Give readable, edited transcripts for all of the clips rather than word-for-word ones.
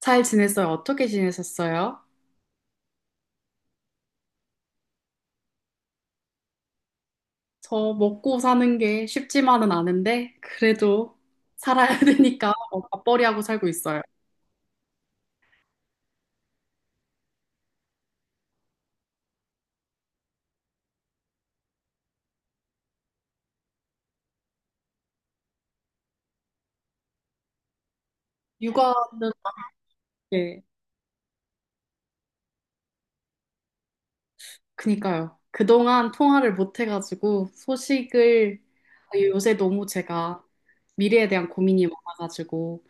잘 지냈어요? 어떻게 지내셨어요? 저 먹고 사는 게 쉽지만은 않은데, 그래도 살아야 되니까 뭐 맞벌이하고 살고 있어요. 육아는, 예, 그니까요. 그동안 통화를 못 해가지고 소식을 요새 너무 제가 미래에 대한 고민이 많아가지고,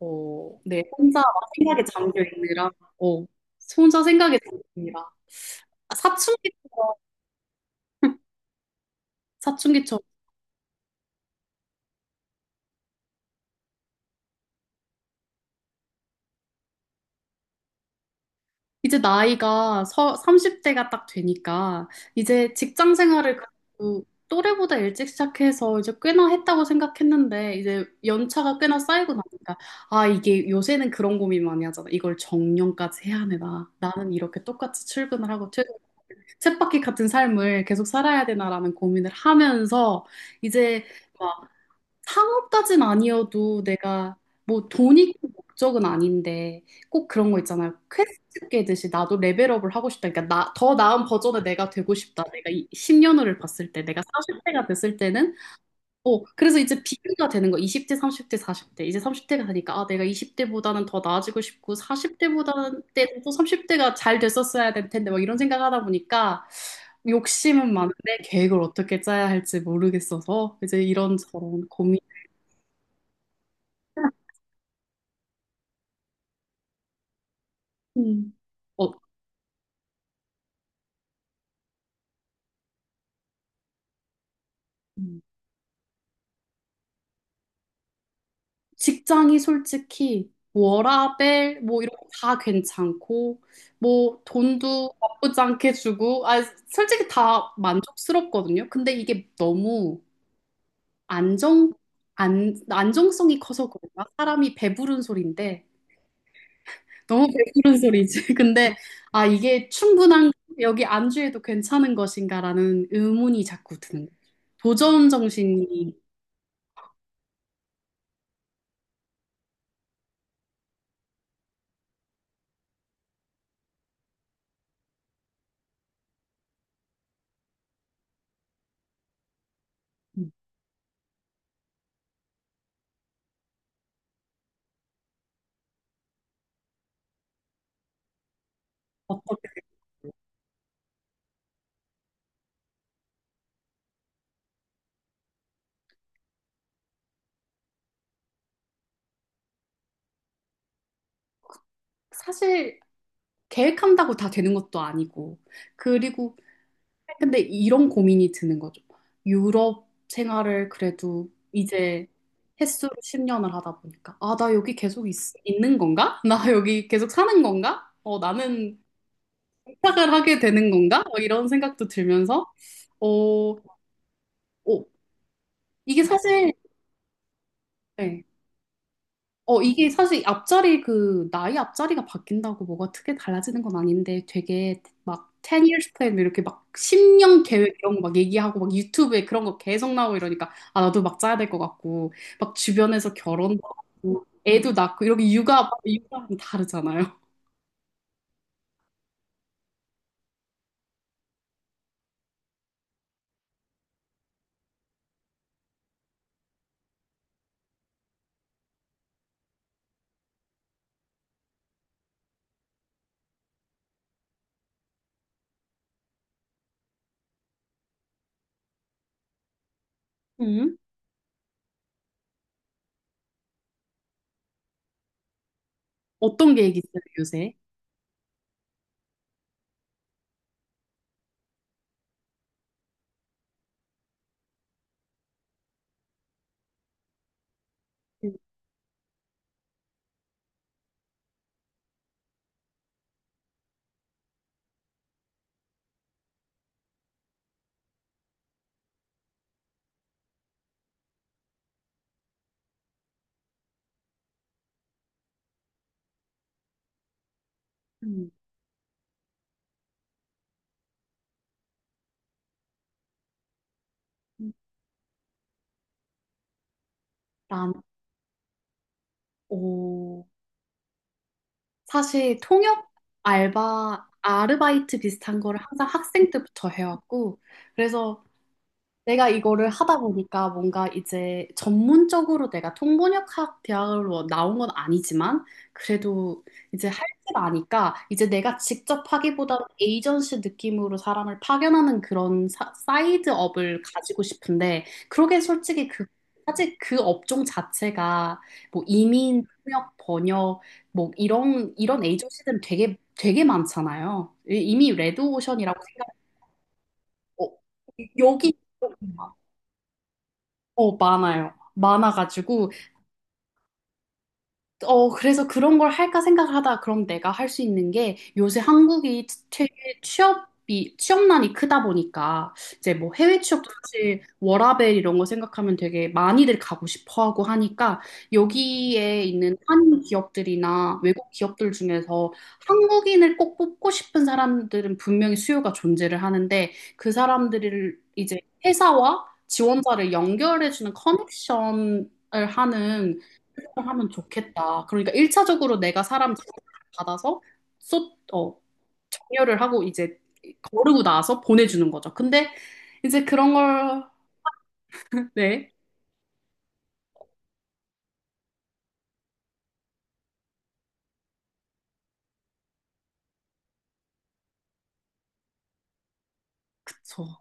네, 혼자 막 생각에 잠겨 있느라, 어, 혼자 생각에 잠깁니다. 아, 사춘기, 사춘기처럼. 이제 나이가 30대가 딱 되니까 이제 직장 생활을 그래도 또래보다 일찍 시작해서 이제 꽤나 했다고 생각했는데 이제 연차가 꽤나 쌓이고 나니까 이게 요새는 그런 고민 많이 하잖아. 이걸 정년까지 해야 되나? 나는 이렇게 똑같이 출근을 하고 쳇바퀴 같은 삶을 계속 살아야 되나라는 고민을 하면서 이제 상업까진 아니어도 내가 뭐 돈이 꼭 목적은 아닌데 꼭 그런 거 있잖아요. 퀘스트 깨듯이 나도 레벨업을 하고 싶다. 그러니까 나, 더 나은 버전의 내가 되고 싶다. 내가 이 10년을 봤을 때, 내가 40대가 됐을 때는 그래서 이제 비교가 되는 거. 20대, 30대, 40대. 이제 30대가 되니까 아, 내가 20대보다는 더 나아지고 싶고 40대보다는 때는 또 30대가 잘 됐었어야 될 텐데 막 이런 생각하다 보니까 욕심은 많은데 계획을 어떻게 짜야 할지 모르겠어서 이제 이런저런 고민. 음. 어, 음, 직장이 솔직히 워라밸 뭐 이런 거 다 괜찮고 뭐 돈도 나쁘지 않게 주고 솔직히 다 만족스럽거든요. 근데 이게 너무 안정 안 안정성이 커서 그런가? 사람이 배부른 소리인데 너무 배부른 소리지. 근데 이게 충분한 여기 안주해도 괜찮은 것인가라는 의문이 자꾸 드는 거죠. 도전 정신이 어떻게 사실 계획한다고 다 되는 것도 아니고. 그리고, 근데 이런 고민이 드는 거죠. 유럽 생활을 그래도 이제 횟수로 10년을 하다 보니까, 아, 나 여기 는 건가? 나 여기 계속 사는 건가? 나는 부탁을 하게 되는 건가? 뭐 이런 생각도 들면서, 어, 어, 이게 사실, 네. 이게 사실 앞자리 그 나이 앞자리가 바뀐다고 뭐가 크게 달라지는 건 아닌데 되게 막 10 years plan 이렇게 막 10년 계획 이런 거 막 얘기하고 막 유튜브에 그런 거 계속 나오고 이러니까 아 나도 막 짜야 될 것 같고 막 주변에서 결혼도 하고 애도 낳고 이렇게 육아는 다르잖아요. 음. 어떤 계획 있어요, 요새? 음. 음. 난, 어, 사실 통역 알바, 아르바이트 비슷한 거를 항상 학생 때부터 해왔고, 그래서 내가 이거를 하다 보니까 뭔가 이제 전문적으로 내가 통번역학 대학으로 나온 건 아니지만 그래도 이제 할 줄 아니까 이제 내가 직접 하기보다는 에이전시 느낌으로 사람을 파견하는 이드 업을 가지고 싶은데 그러게 솔직히 사실 그 업종 자체가 뭐 이민, 통역, 번역 뭐 이런 에이전시들은 되게 되게 많잖아요. 이미 레드오션이라고 생각 어, 여기 많아요. 많아가지고, 그래서 그런 걸 할까 생각을 하다 그럼 내가 할 수 있는 게 요새 한국이 최 취업이 취업난이 크다 보니까 이제 뭐 해외 취업도 사실 워라밸 이런 거 생각하면 되게 많이들 가고 싶어 하고 하니까 여기에 있는 한인 기업들이나 외국 기업들 중에서 한국인을 꼭 뽑고 싶은 사람들은 분명히 수요가 존재를 하는데 그 사람들을 이제 회사와 지원자를 연결해주는 커넥션을 하는 하면 좋겠다. 그러니까 일차적으로 내가 사람 제보를 받아서 쏟, 어, 정렬을 하고 이제 거르고 나서 보내주는 거죠. 근데 이제 그런 걸, 네, 그쵸.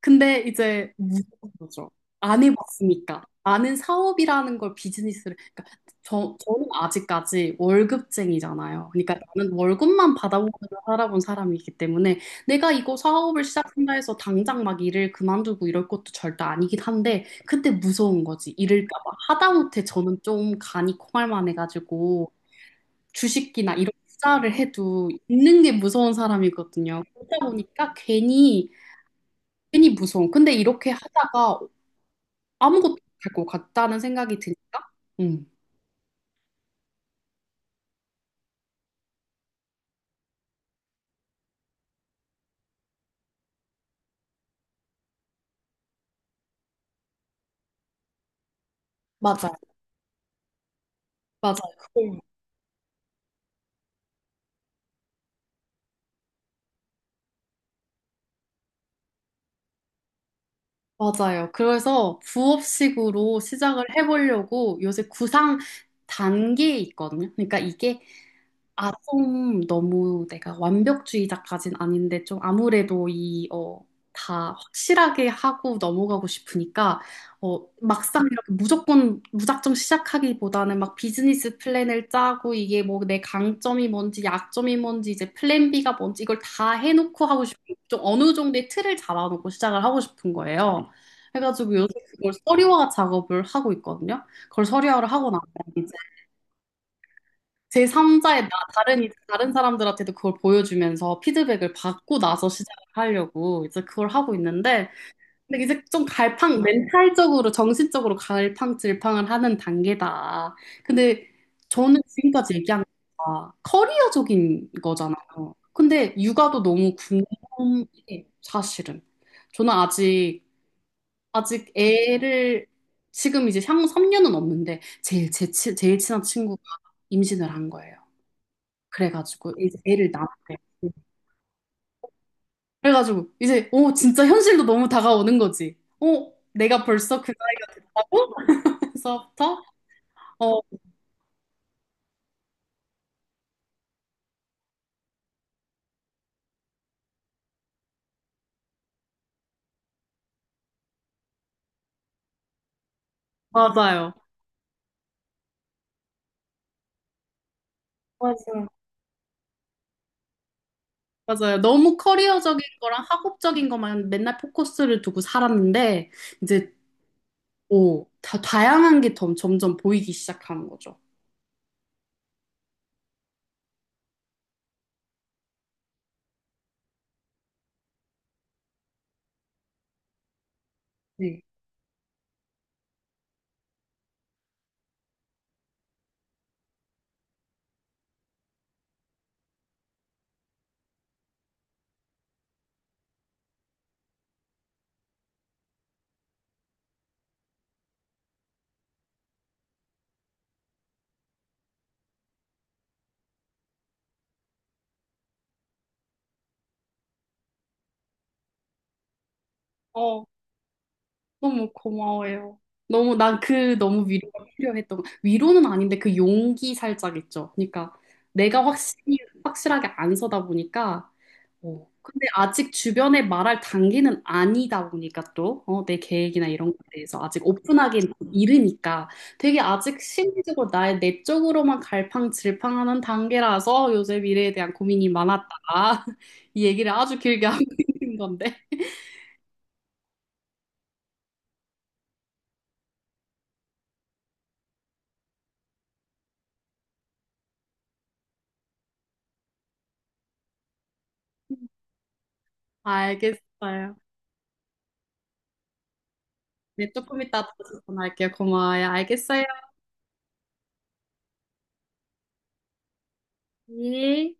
근데 이제 무서운 거죠. 안 해봤으니까 아는 사업이라는 걸 비즈니스를 그러니까 저는 아직까지 월급쟁이잖아요. 그러니까 나는 월급만 받아오면서 살아본 사람이기 때문에 내가 이거 사업을 시작한다 해서 당장 막 일을 그만두고 이럴 것도 절대 아니긴 한데 근데 무서운 거지 이럴까 봐 하다못해 저는 좀 간이 콩알만 해가지고 주식이나 이런 투자를 해도 있는 게 무서운 사람이거든요. 그러다 보니까 괜히 무서워. 근데 이렇게 하다가 아무것도 못할 것 같다는 생각이 드니까. 음. 맞아요. 맞아요. 맞아요. 그래서 부업식으로 시작을 해보려고 요새 구상 단계에 있거든요. 그러니까 이게 좀 너무 내가 완벽주의자까진 아닌데 좀 아무래도 다 확실하게 하고 넘어가고 싶으니까 막상 이렇게 무조건 무작정 시작하기보다는 막 비즈니스 플랜을 짜고 이게 뭐 내 강점이 뭔지 약점이 뭔지 이제 플랜 B가 뭔지 이걸 다 해놓고 하고 싶은 좀 어느 정도의 틀을 잡아놓고 시작을 하고 싶은 거예요. 해가지고 요새 그걸 서류화 작업을 하고 있거든요. 그걸 서류화를 하고 나면 제3자의 나 다른 사람들한테도 그걸 보여주면서 피드백을 받고 나서 시작을 하려고 이제 그걸 하고 있는데 근데 이제 좀 갈팡 멘탈적으로 정신적으로 갈팡질팡을 하는 단계다. 근데 저는 지금까지 얘기한 거가 커리어적인 거잖아요. 근데 육아도 너무 궁금해 사실은. 저는 아직 애를 지금 이제 향후 3년은 없는데 제일 제일 친한 친구가 임신을 한 거예요. 그래가지고 이제 애를 낳았대. 그래가지고 이제 진짜 현실도 너무 다가오는 거지. 내가 벌써 그 나이가 됐다고? 그래서부터 어. 맞아요. 맞아요. 맞아요. 너무 커리어적인 거랑 학업적인 것만 맨날 포커스를 두고 살았는데 이제 다 다양한 게 점점 보이기 시작하는 거죠. 네. 어, 너무 고마워요. 너무 난 그 너무 위로가 필요했던 거. 위로는 아닌데 그 용기 살짝 있죠. 그러니까 내가 확실히 확실하게 안 서다 보니까 어. 근데 아직 주변에 말할 단계는 아니다 보니까 또 내 계획이나 이런 것에 대해서 아직 오픈하기 이르니까 되게 아직 심리적으로 나의 내적으로만 갈팡질팡하는 단계라서 요새 미래에 대한 고민이 많았다. 이 얘기를 아주 길게 하고 있는 건데 알겠어요. 네, 조금 이따 다시 전화할게요. 고마워요. 알겠어요. 예.